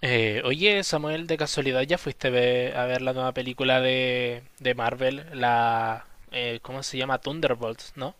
Oye, Samuel, de casualidad, ¿ya fuiste a ver, la nueva película de Marvel? ¿Cómo se llama? Thunderbolts, ¿no?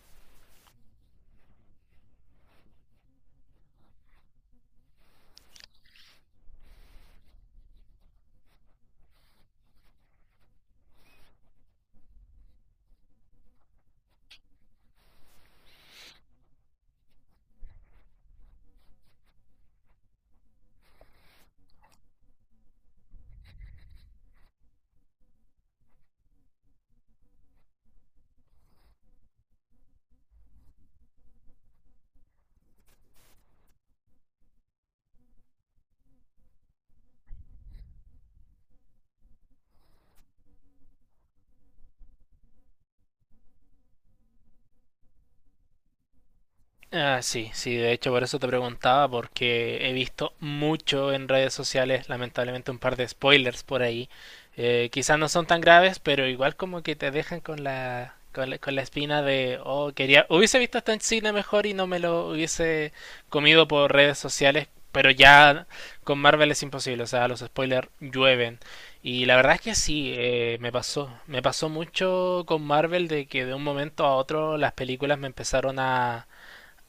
Ah, sí, sí, de hecho por eso te preguntaba, porque he visto mucho en redes sociales, lamentablemente un par de spoilers por ahí. Quizás no son tan graves, pero igual como que te dejan con la espina de, oh, quería, hubiese visto esto en cine mejor y no me lo hubiese comido por redes sociales, pero ya con Marvel es imposible, o sea, los spoilers llueven. Y la verdad es que sí, me pasó mucho con Marvel de que de un momento a otro las películas me empezaron a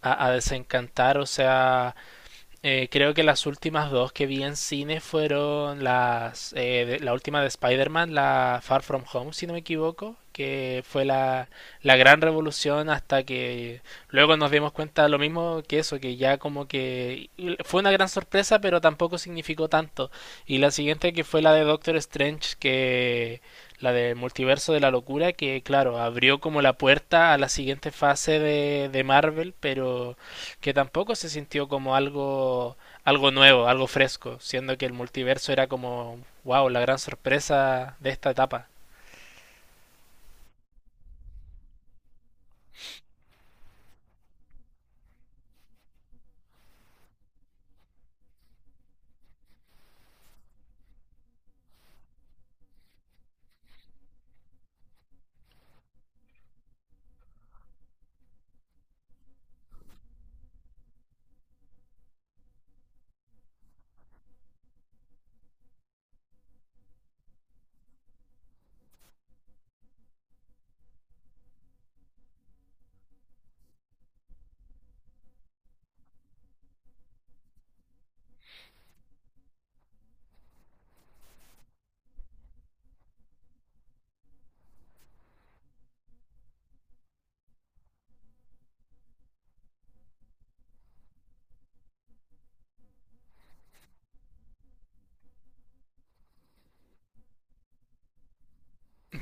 a desencantar. O sea, creo que las últimas dos que vi en cine fueron la última de Spider-Man, la Far From Home, si no me equivoco, que fue la gran revolución hasta que luego nos dimos cuenta lo mismo que eso, que ya como que fue una gran sorpresa, pero tampoco significó tanto. Y la siguiente que fue la de Doctor Strange, que la de Multiverso de la Locura, que claro, abrió como la puerta a la siguiente fase de Marvel, pero que tampoco se sintió como algo, algo nuevo, algo fresco, siendo que el multiverso era como, wow, la gran sorpresa de esta etapa.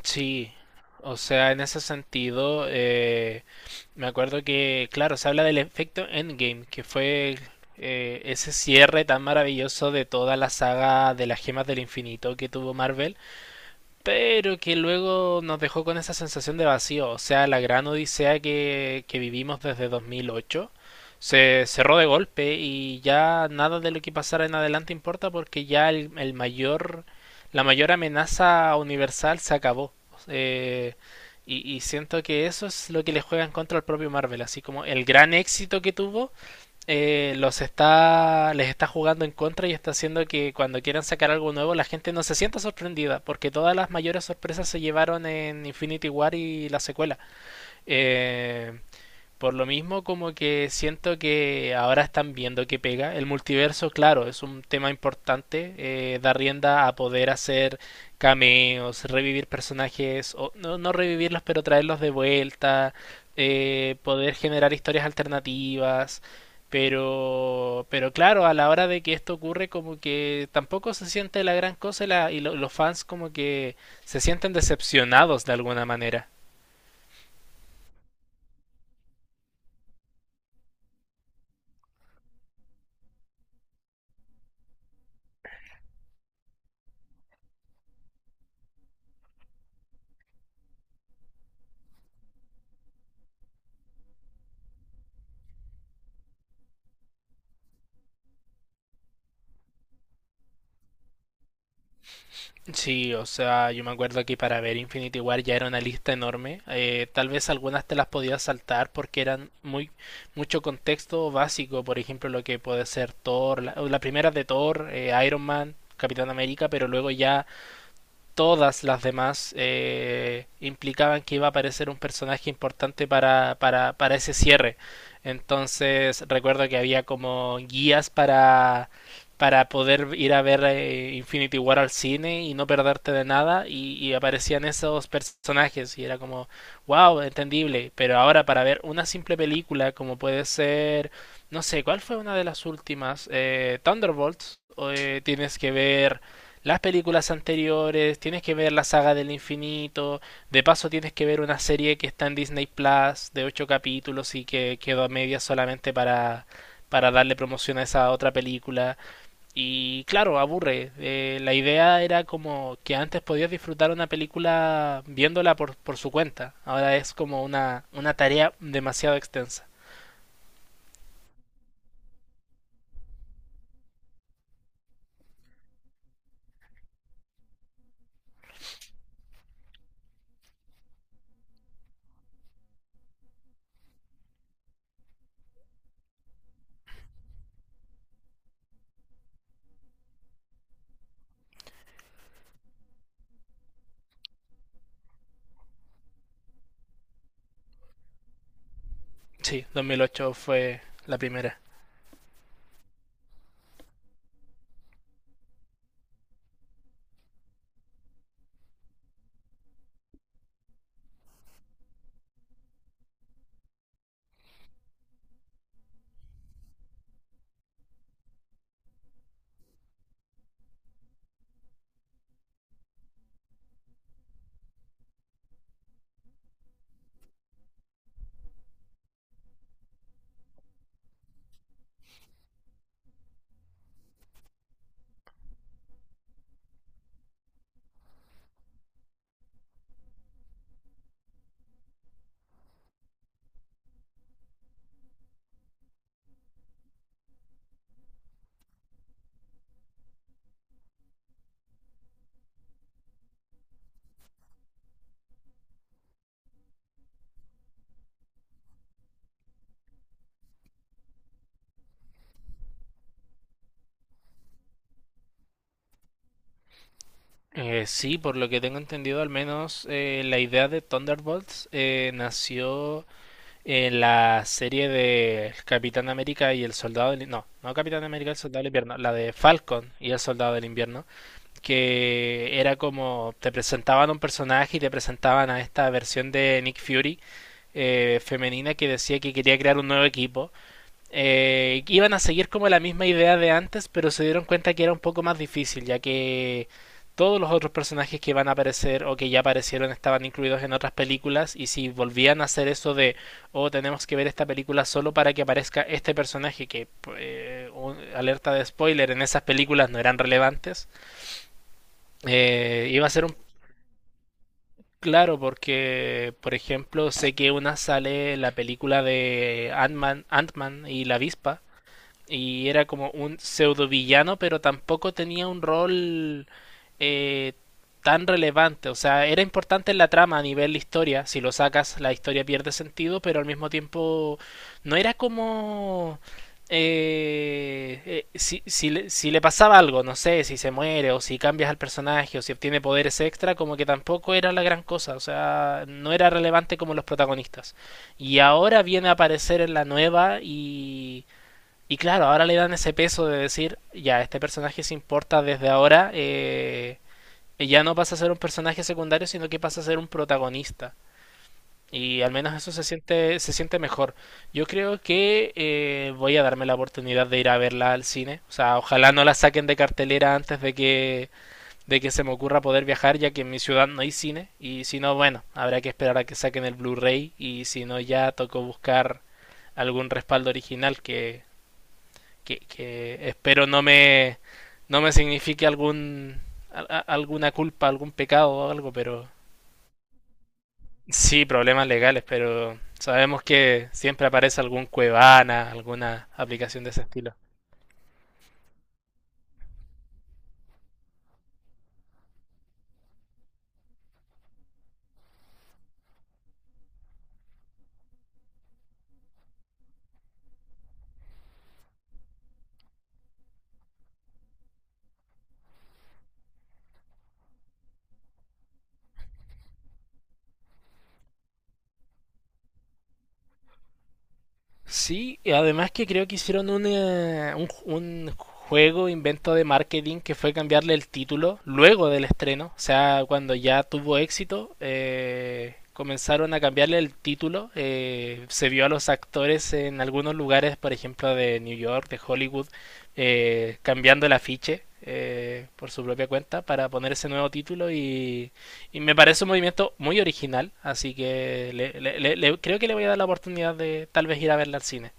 Sí, o sea, en ese sentido, me acuerdo que, claro, se habla del efecto Endgame, que fue ese cierre tan maravilloso de toda la saga de las gemas del infinito que tuvo Marvel, pero que luego nos dejó con esa sensación de vacío. O sea, la gran odisea que vivimos desde 2008 se cerró de golpe y ya nada de lo que pasara en adelante importa porque ya el mayor, la mayor amenaza universal se acabó. Eh, y siento que eso es lo que le juega en contra al propio Marvel, así como el gran éxito que tuvo, les está jugando en contra y está haciendo que cuando quieran sacar algo nuevo la gente no se sienta sorprendida, porque todas las mayores sorpresas se llevaron en Infinity War y la secuela. Eh, por lo mismo, como que siento que ahora están viendo que pega. El multiverso, claro, es un tema importante. Da rienda a poder hacer cameos, revivir personajes, o no, no revivirlos, pero traerlos de vuelta, poder generar historias alternativas. Pero claro, a la hora de que esto ocurre, como que tampoco se siente la gran cosa y, los fans como que se sienten decepcionados de alguna manera. Sí, o sea, yo me acuerdo que para ver Infinity War ya era una lista enorme. Tal vez algunas te las podías saltar porque eran muy mucho contexto básico, por ejemplo, lo que puede ser Thor, o la primera de Thor, Iron Man, Capitán América, pero luego ya todas las demás implicaban que iba a aparecer un personaje importante para ese cierre. Entonces recuerdo que había como guías para poder ir a ver Infinity War al cine y no perderte de nada y aparecían esos personajes y era como, wow, entendible. Pero ahora para ver una simple película como puede ser, no sé, ¿cuál fue una de las últimas? Thunderbolts. Eh, tienes que ver las películas anteriores, tienes que ver la saga del infinito, de paso tienes que ver una serie que está en Disney Plus de ocho capítulos y que quedó a medias solamente para darle promoción a esa otra película. Y claro, aburre. La idea era como que antes podías disfrutar una película viéndola por su cuenta. Ahora es como una tarea demasiado extensa. Sí, 2008 fue la primera. Sí, por lo que tengo entendido, al menos la idea de Thunderbolts nació en la serie de El Capitán América y el Soldado del... No, Capitán América y el Soldado del Invierno, la de Falcon y el Soldado del Invierno, que era como te presentaban un personaje y te presentaban a esta versión de Nick Fury femenina que decía que quería crear un nuevo equipo iban a seguir como la misma idea de antes, pero se dieron cuenta que era un poco más difícil, ya que todos los otros personajes que van a aparecer o que ya aparecieron estaban incluidos en otras películas y si volvían a hacer eso de oh tenemos que ver esta película solo para que aparezca este personaje que alerta de spoiler, en esas películas no eran relevantes, iba a ser un claro porque por ejemplo sé que una sale la película de Ant-Man y la avispa y era como un pseudo villano, pero tampoco tenía un rol eh, tan relevante. O sea, era importante en la trama a nivel de historia. Si lo sacas, la historia pierde sentido, pero al mismo tiempo no era como... si si le pasaba algo, no sé, si se muere o si cambias al personaje o si obtiene poderes extra, como que tampoco era la gran cosa, o sea, no era relevante como los protagonistas. Y ahora viene a aparecer en la nueva, y claro, ahora le dan ese peso de decir, ya, este personaje se importa desde ahora, ya no pasa a ser un personaje secundario, sino que pasa a ser un protagonista. Y al menos eso se siente mejor. Yo creo que voy a darme la oportunidad de ir a verla al cine. O sea, ojalá no la saquen de cartelera antes de que se me ocurra poder viajar, ya que en mi ciudad no hay cine. Y si no, bueno, habrá que esperar a que saquen el Blu-ray. Y si no, ya tocó buscar algún respaldo original que espero no me signifique algún, alguna culpa, algún pecado o algo, pero sí, problemas legales, pero sabemos que siempre aparece algún Cuevana, alguna aplicación de ese estilo. Sí, y además que creo que hicieron un juego, invento de marketing, que fue cambiarle el título luego del estreno. O sea, cuando ya tuvo éxito, comenzaron a cambiarle el título. Eh, se vio a los actores en algunos lugares, por ejemplo, de New York, de Hollywood, cambiando el afiche por su propia cuenta para poner ese nuevo título y me parece un movimiento muy original, así que creo que le voy a dar la oportunidad de tal vez ir a verla al cine.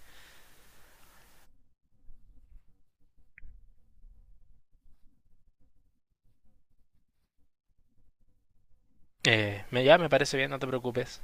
Ya me parece bien, no te preocupes.